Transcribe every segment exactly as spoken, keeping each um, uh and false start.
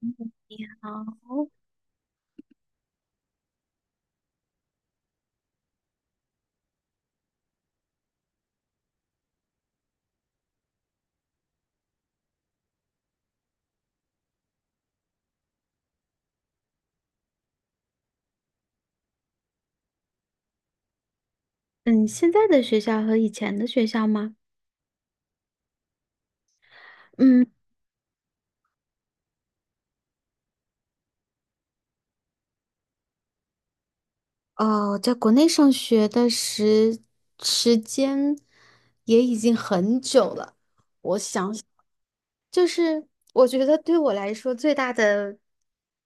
嗯，你好。嗯，现在的学校和以前的学校吗？嗯，哦，在国内上学的时时间也已经很久了。就是我觉得对我来说最大的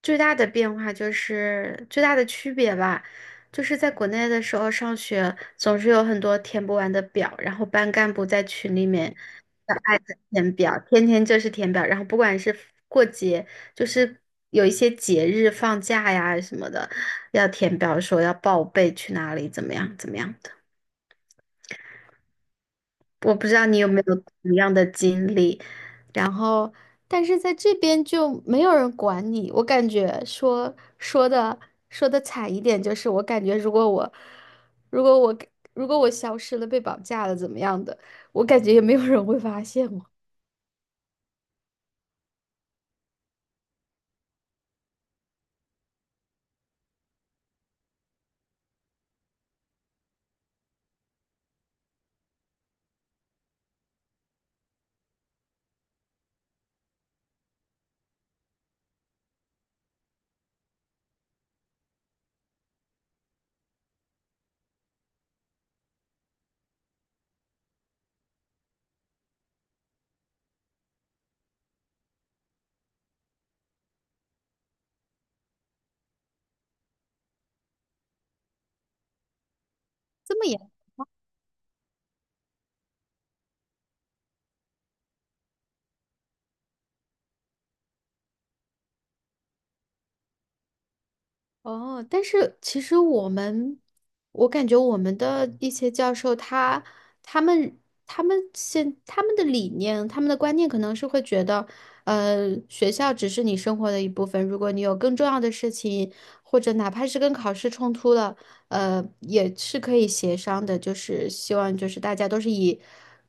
最大的变化就是最大的区别吧，就是在国内的时候上学总是有很多填不完的表，然后班干部在群里面小爱的填表，天天就是填表，然后不管是过节，就是有一些节日放假呀什么的，要填表说要报备去哪里，怎么样怎么样的。我不知道你有没有同样的经历，然后，但是在这边就没有人管你。我感觉说说的说的惨一点，就是我感觉如果我如果我如果我消失了，被绑架了，怎么样的，我感觉也没有人会发现我。这么严？哦，但是其实我们，我感觉我们的一些教授他，他们他们现他们的理念，他们的观念可能是会觉得，呃，学校只是你生活的一部分，如果你有更重要的事情，或者哪怕是跟考试冲突了，呃，也是可以协商的，就是希望就是大家都是以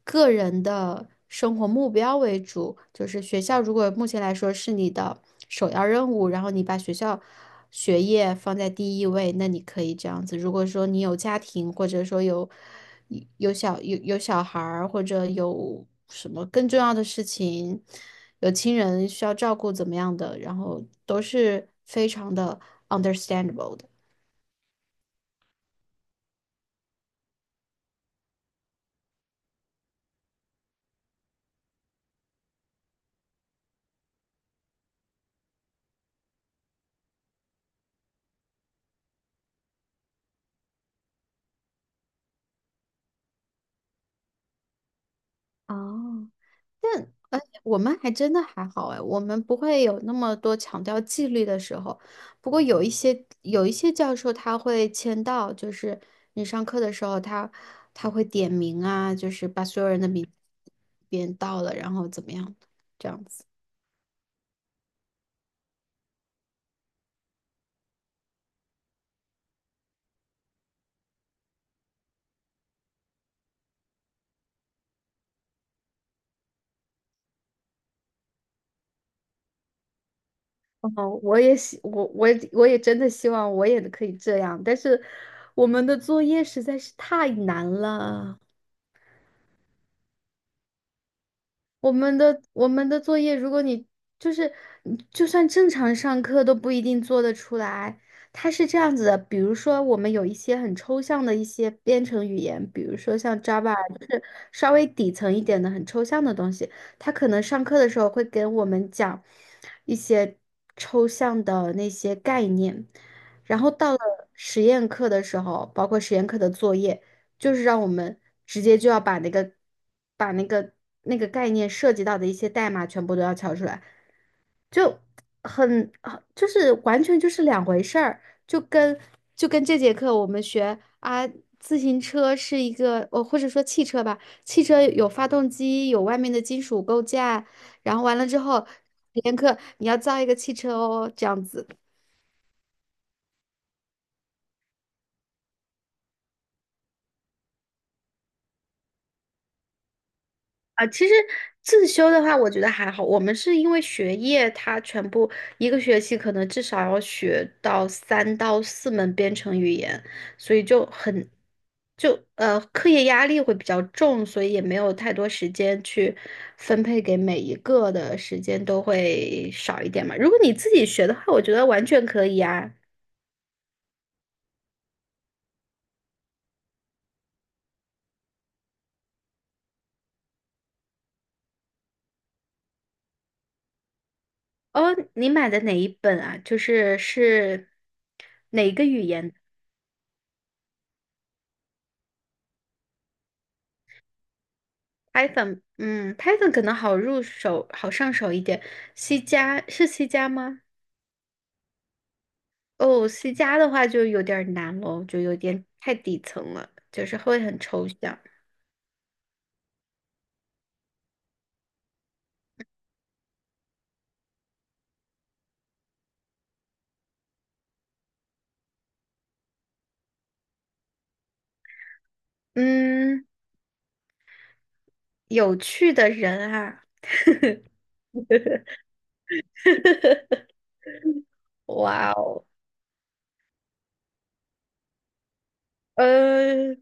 个人的生活目标为主，就是学校如果目前来说是你的首要任务，然后你把学校学业放在第一位，那你可以这样子。如果说你有家庭，或者说有有小有有小孩儿，或者有什么更重要的事情，有亲人需要照顾怎么样的，然后都是非常的 understandable 的。哦，哎，我们还真的还好哎，我们不会有那么多强调纪律的时候。不过有一些有一些教授他会签到，就是你上课的时候他他会点名啊，就是把所有人的名编到了，然后怎么样，这样子。哦，我也希我我也我也真的希望我也可以这样，但是我们的作业实在是太难了。我们的我们的作业，如果你就是你就算正常上课都不一定做得出来。它是这样子的，比如说我们有一些很抽象的一些编程语言，比如说像 Java，就是稍微底层一点的很抽象的东西，它可能上课的时候会给我们讲一些抽象的那些概念，然后到了实验课的时候，包括实验课的作业。就是让我们直接就要把那个把那个那个概念涉及到的一些代码全部都要敲出来，就很啊就是完全就是两回事儿，就跟就跟这节课我们学啊。自行车是一个，呃，或者说汽车吧，汽车有发动机，有外面的金属构架，然后完了之后，体验课你要造一个汽车哦，这样子。啊，其实自修的话，我觉得还好。我们是因为学业，它全部一个学期可能至少要学到三到四门编程语言，所以就很，就呃课业压力会比较重，所以也没有太多时间去分配给每一个的时间都会少一点嘛。如果你自己学的话，我觉得完全可以啊。哦，你买的哪一本啊？就是是哪一个语言？Python，嗯，Python 可能好入手、好上手一点。C 加是 C 加吗？哦，C 加的话就有点儿难喽，就有点太底层了，就是会很抽象。嗯，有趣的人啊，哇哦，呃，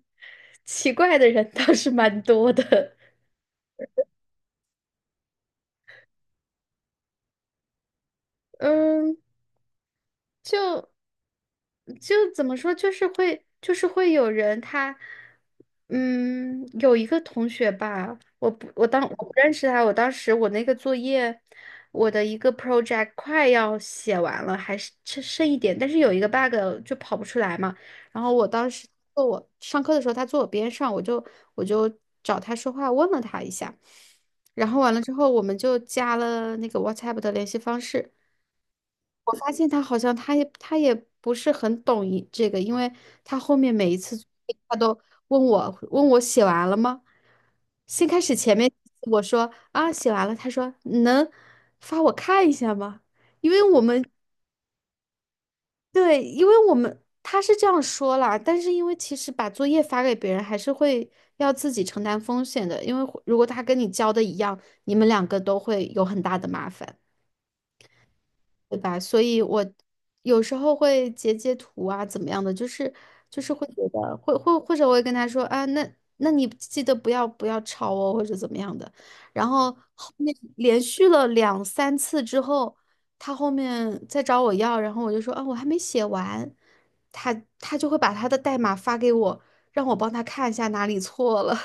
奇怪的人倒是蛮多的。嗯，就就怎么说，就是会，就是会有人他，嗯，有一个同学吧，我不，我当我不认识他，我当时我那个作业，我的一个 project 快要写完了，还是剩剩一点，但是有一个 bug 就跑不出来嘛。然后我当时坐我上课的时候，他坐我边上，我就我就找他说话，问了他一下，然后完了之后，我们就加了那个 WhatsApp 的联系方式。我发现他好像他也他也不是很懂一这个，因为他后面每一次作业他都问我问我写完了吗？先开始前面我说啊写完了，他说能发我看一下吗？因为我们对，因为我们他是这样说啦，但是因为其实把作业发给别人还是会要自己承担风险的，因为如果他跟你交的一样，你们两个都会有很大的麻烦。对吧？所以我有时候会截截图啊，怎么样的，就是就是会觉得会会或者我会跟他说啊，那那你记得不要不要抄哦，或者怎么样的。然后后面连续了两三次之后，他后面再找我要，然后我就说啊，我还没写完，他他就会把他的代码发给我，让我帮他看一下哪里错了。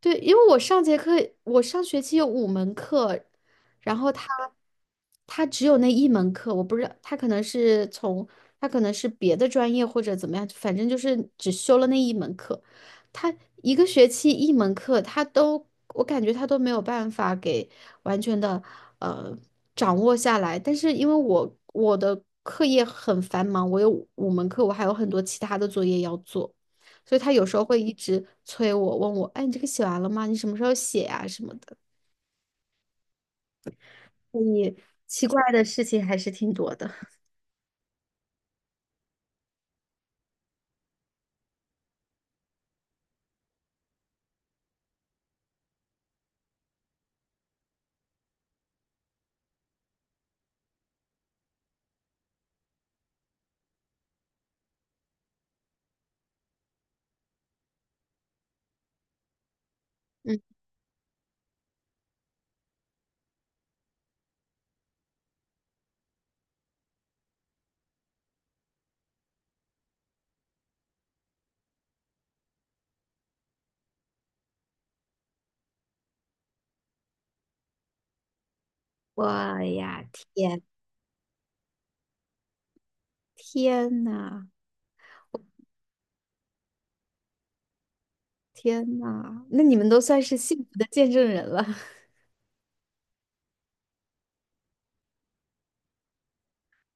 对，因为我上节课，我上学期有五门课，然后他他只有那一门课，我不知道他可能是从他可能是别的专业或者怎么样，反正就是只修了那一门课。他一个学期一门课，他都我感觉他都没有办法给完全的呃掌握下来。但是因为我我的课业很繁忙，我有五门课，我还有很多其他的作业要做。所以他有时候会一直催我，问我，哎，你这个写完了吗？你什么时候写呀、什么的。所以奇怪的事情还是挺多的。嗯，我呀，天，天呐，天呐，那你们都算是幸福的见证人了。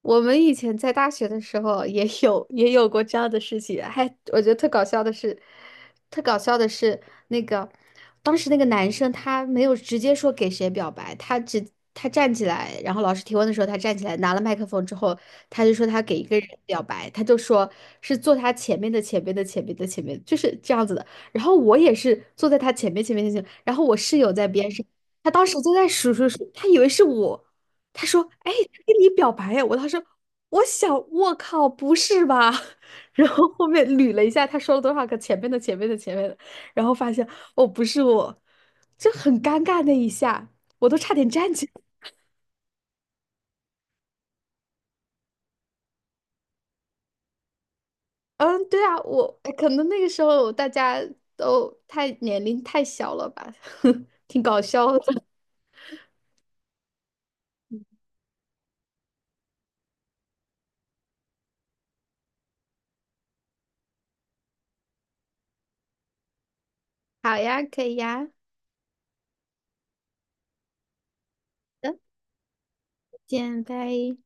我们以前在大学的时候也 有也有过这样的事情，还我觉得特搞笑的是，特搞笑的是那个当时那个男生他没有直接说给谁表白，他只他站起来，然后老师提问的时候他站起来拿了麦克风之后，他就说他给一个人表白，他就说是坐他前面的前面的前面的前面，就是这样子的。然后我也是坐在他前面前面前面，然后我室友在边上，他当时就在数数数，他以为是我。他说："哎，他跟你表白呀？"我当时我想，我靠，不是吧？然后后面捋了一下，他说了多少个前面的、前面的、前面的，然后发现哦，不是我，就很尴尬那一下，我都差点站起来。嗯，对啊，我可能那个时候大家都太年龄太小了吧，挺搞笑的。好呀，可以呀，嗯，见，拜。